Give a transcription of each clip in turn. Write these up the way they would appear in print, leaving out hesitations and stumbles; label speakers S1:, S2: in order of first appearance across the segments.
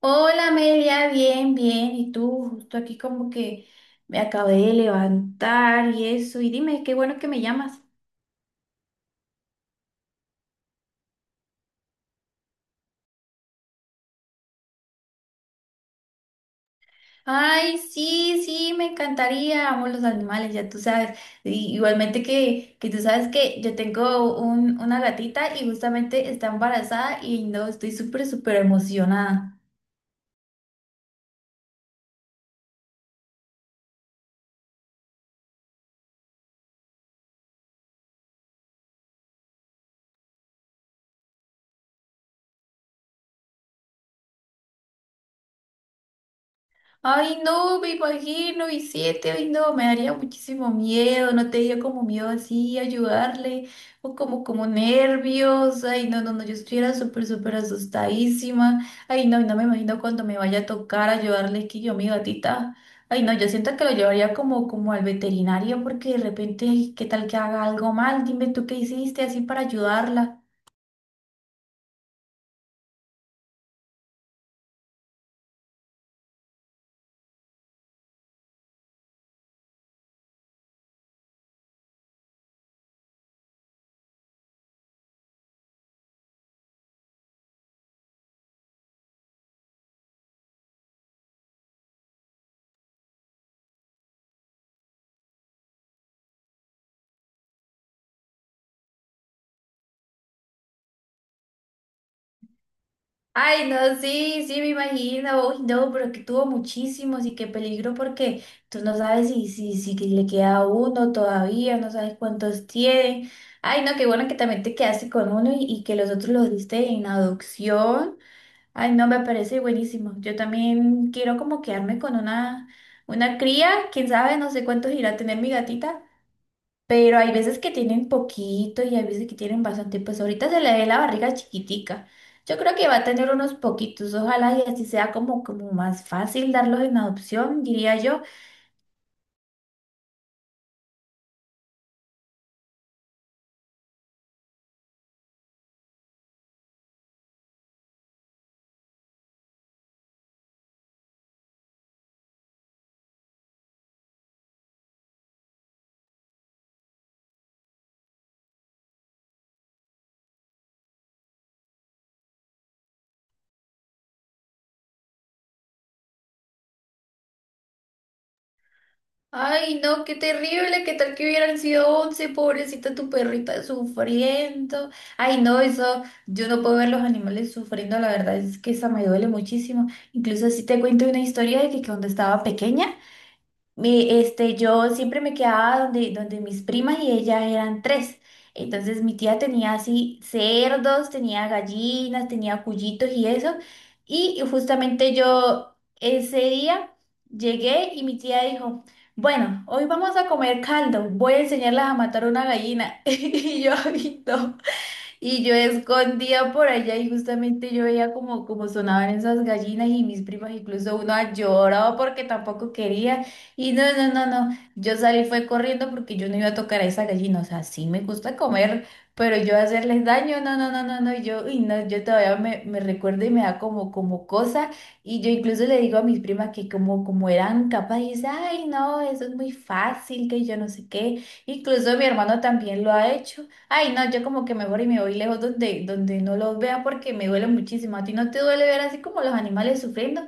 S1: Hola Amelia, bien, bien. ¿Y tú? Justo aquí como que me acabé de levantar y eso. Y dime, qué bueno que me llamas. Ay, sí, sí, me encantaría. Amo los animales, ya tú sabes. Y igualmente que tú sabes que yo tengo una gatita y justamente está embarazada y no, estoy súper, súper emocionada. Ay, no, me imagino, Vicente, ay, no, me daría muchísimo miedo, no te dio como miedo así ayudarle, o como, como nervios, ay, no, no, no, yo estuviera súper, súper asustadísima, ay, no, no me imagino cuando me vaya a tocar ayudarle, que yo, mi gatita, ay, no, yo siento que lo llevaría como, como al veterinario, porque de repente, ay, qué tal que haga algo mal, dime tú qué hiciste así para ayudarla. Ay, no, sí, sí, me imagino. Uy, no, pero que tuvo muchísimos y qué peligro porque tú no sabes si que le queda uno todavía, no sabes cuántos tiene. Ay, no, qué bueno que también te quedaste con uno y que los otros los diste en adopción. Ay, no, me parece buenísimo. Yo también quiero como quedarme con una cría, quién sabe, no sé cuántos irá a tener mi gatita, pero hay veces que tienen poquito y hay veces que tienen bastante. Pues ahorita se le ve la barriga chiquitica. Yo creo que va a tener unos poquitos, ojalá y así sea como, como más fácil darlos en adopción, diría yo. Ay, no, qué terrible, qué tal que hubieran sido 11 pobrecita tu perrita sufriendo. Ay, no, eso, yo no puedo ver los animales sufriendo, la verdad es que esa me duele muchísimo. Incluso si te cuento una historia de que cuando estaba pequeña, yo siempre me quedaba donde mis primas y ellas eran tres. Entonces mi tía tenía así cerdos, tenía gallinas, tenía cuyitos y eso. Y justamente yo ese día llegué y mi tía dijo, bueno, hoy vamos a comer caldo, voy a enseñarlas a matar una gallina. Y yo, "Ay, no". Y yo escondía por allá y justamente yo veía como, como sonaban esas gallinas y mis primas, incluso una lloraba porque tampoco quería. Y no, no, no, no, yo salí fue corriendo porque yo no iba a tocar a esa gallina. O sea, sí me gusta comer, pero yo hacerles daño, no, no, no, no, no. Y yo, y no, yo todavía me recuerdo y me da como, como cosa. Y yo incluso le digo a mis primas que como, como eran capaces, ay, no, eso es muy fácil, que yo no sé qué. Incluso mi hermano también lo ha hecho. Ay, no, yo como que mejor y me voy lejos donde no los vea porque me duele muchísimo. ¿A ti no te duele ver así como los animales sufriendo?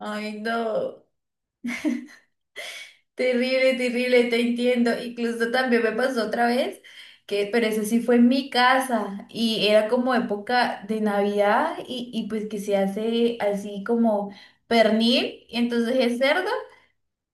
S1: Ay, no, terrible, terrible, te entiendo. Incluso también me pasó otra vez, que, pero eso sí fue en mi casa y era como época de Navidad y pues que se hace así como pernil, y entonces es cerdo.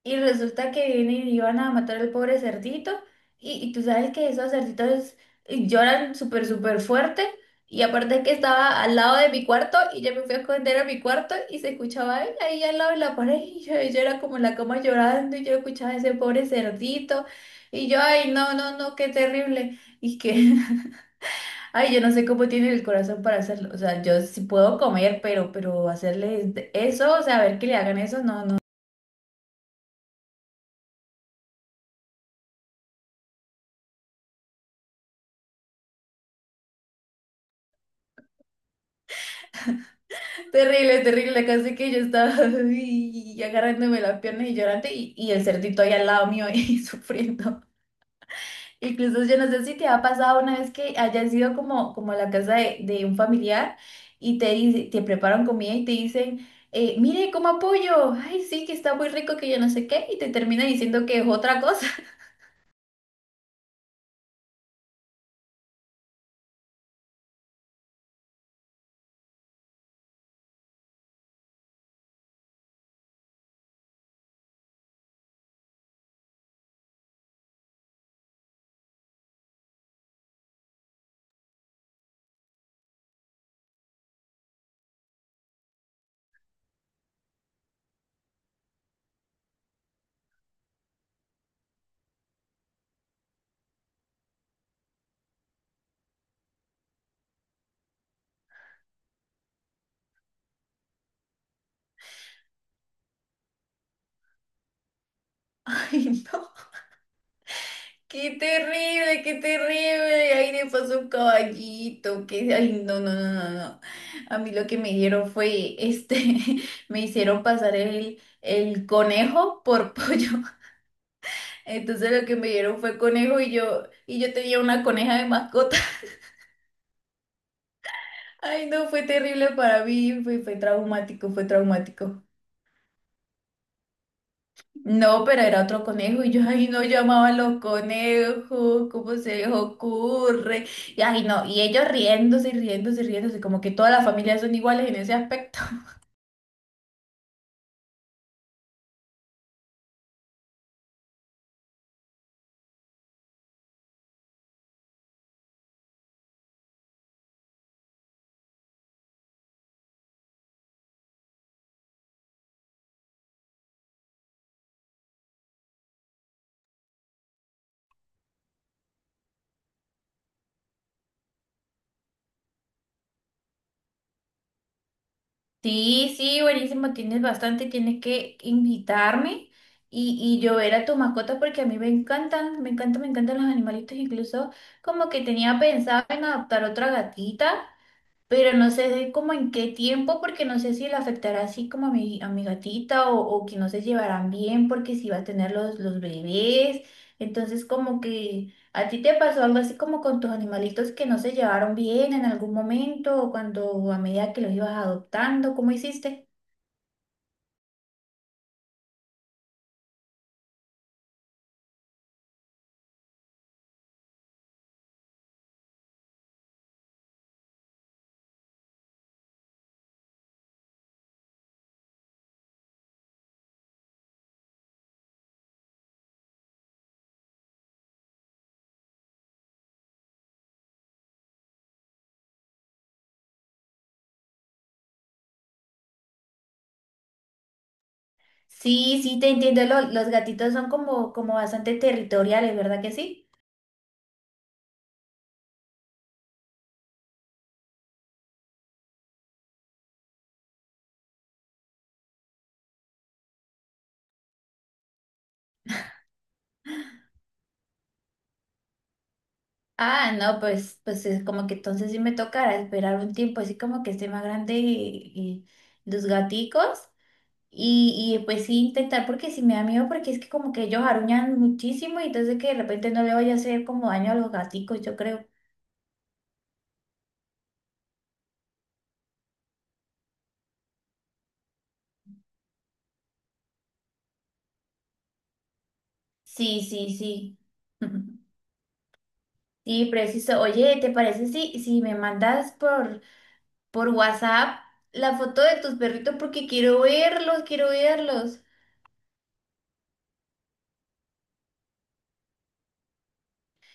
S1: Y resulta que vienen y iban a matar al pobre cerdito. Y tú sabes que esos cerditos lloran súper, súper fuerte. Y aparte que estaba al lado de mi cuarto y yo me fui a esconder a mi cuarto y se escuchaba él ahí al lado de la pared. Yo era como en la cama llorando y yo escuchaba a ese pobre cerdito. Y yo, ay, no, no, no, qué terrible. Y que, ay, yo no sé cómo tienen el corazón para hacerlo. O sea, yo sí puedo comer, pero hacerles eso, o sea, a ver que le hagan eso, no, no. Terrible, terrible, casi que yo estaba y agarrándome las piernas y llorando y el cerdito ahí al lado mío y sufriendo. Incluso yo no sé si te ha pasado una vez que hayas ido como, como a la casa de un familiar y te preparan comida y te dicen, mire, coma pollo, ay sí, que está muy rico, que yo no sé qué, y te termina diciendo que es otra cosa. Ay, no. Qué terrible, qué terrible. Ahí le pasó un caballito. Que... ay, no, no, no, no, no. A mí lo que me dieron fue, este, me hicieron pasar el conejo por pollo. Entonces lo que me dieron fue conejo y yo tenía una coneja de mascota. Ay, no, fue terrible para mí. Fue, fue traumático, fue traumático. No, pero era otro conejo y yo, ay, no llamaba a los conejos, ¿cómo se les ocurre? Y ay, no, y ellos riéndose y riéndose y riéndose, como que todas las familias son iguales en ese aspecto. Sí, sí, buenísimo, tienes bastante, tienes que invitarme y yo ver a tu mascota porque a mí me encantan, me encantan, me encantan los animalitos, incluso como que tenía pensado en adoptar otra gatita. Pero no sé de cómo en qué tiempo, porque no sé si le afectará así como a a mi gatita o que no se llevarán bien porque si va a tener los bebés. Entonces como que a ti te pasó algo así como con tus animalitos que no se llevaron bien en algún momento o cuando o a medida que los ibas adoptando, ¿cómo hiciste? Sí, sí, te entiendo, los gatitos son como, como bastante territoriales, ¿verdad que sí? Ah, no, pues, pues es como que entonces sí me tocará esperar un tiempo, así como que esté más grande y los gaticos. Y pues sí intentar, porque sí me da miedo, porque es que como que ellos aruñan muchísimo y entonces que de repente no le vaya a hacer como daño a los gaticos, yo creo. Sí, sí, sí. Sí, preciso. Oye, ¿te parece si, si me mandas por WhatsApp la foto de tus perritos? Porque quiero verlos, quiero verlos.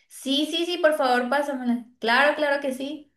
S1: Sí, sí, sí, por favor, pásamela. Claro, claro que sí.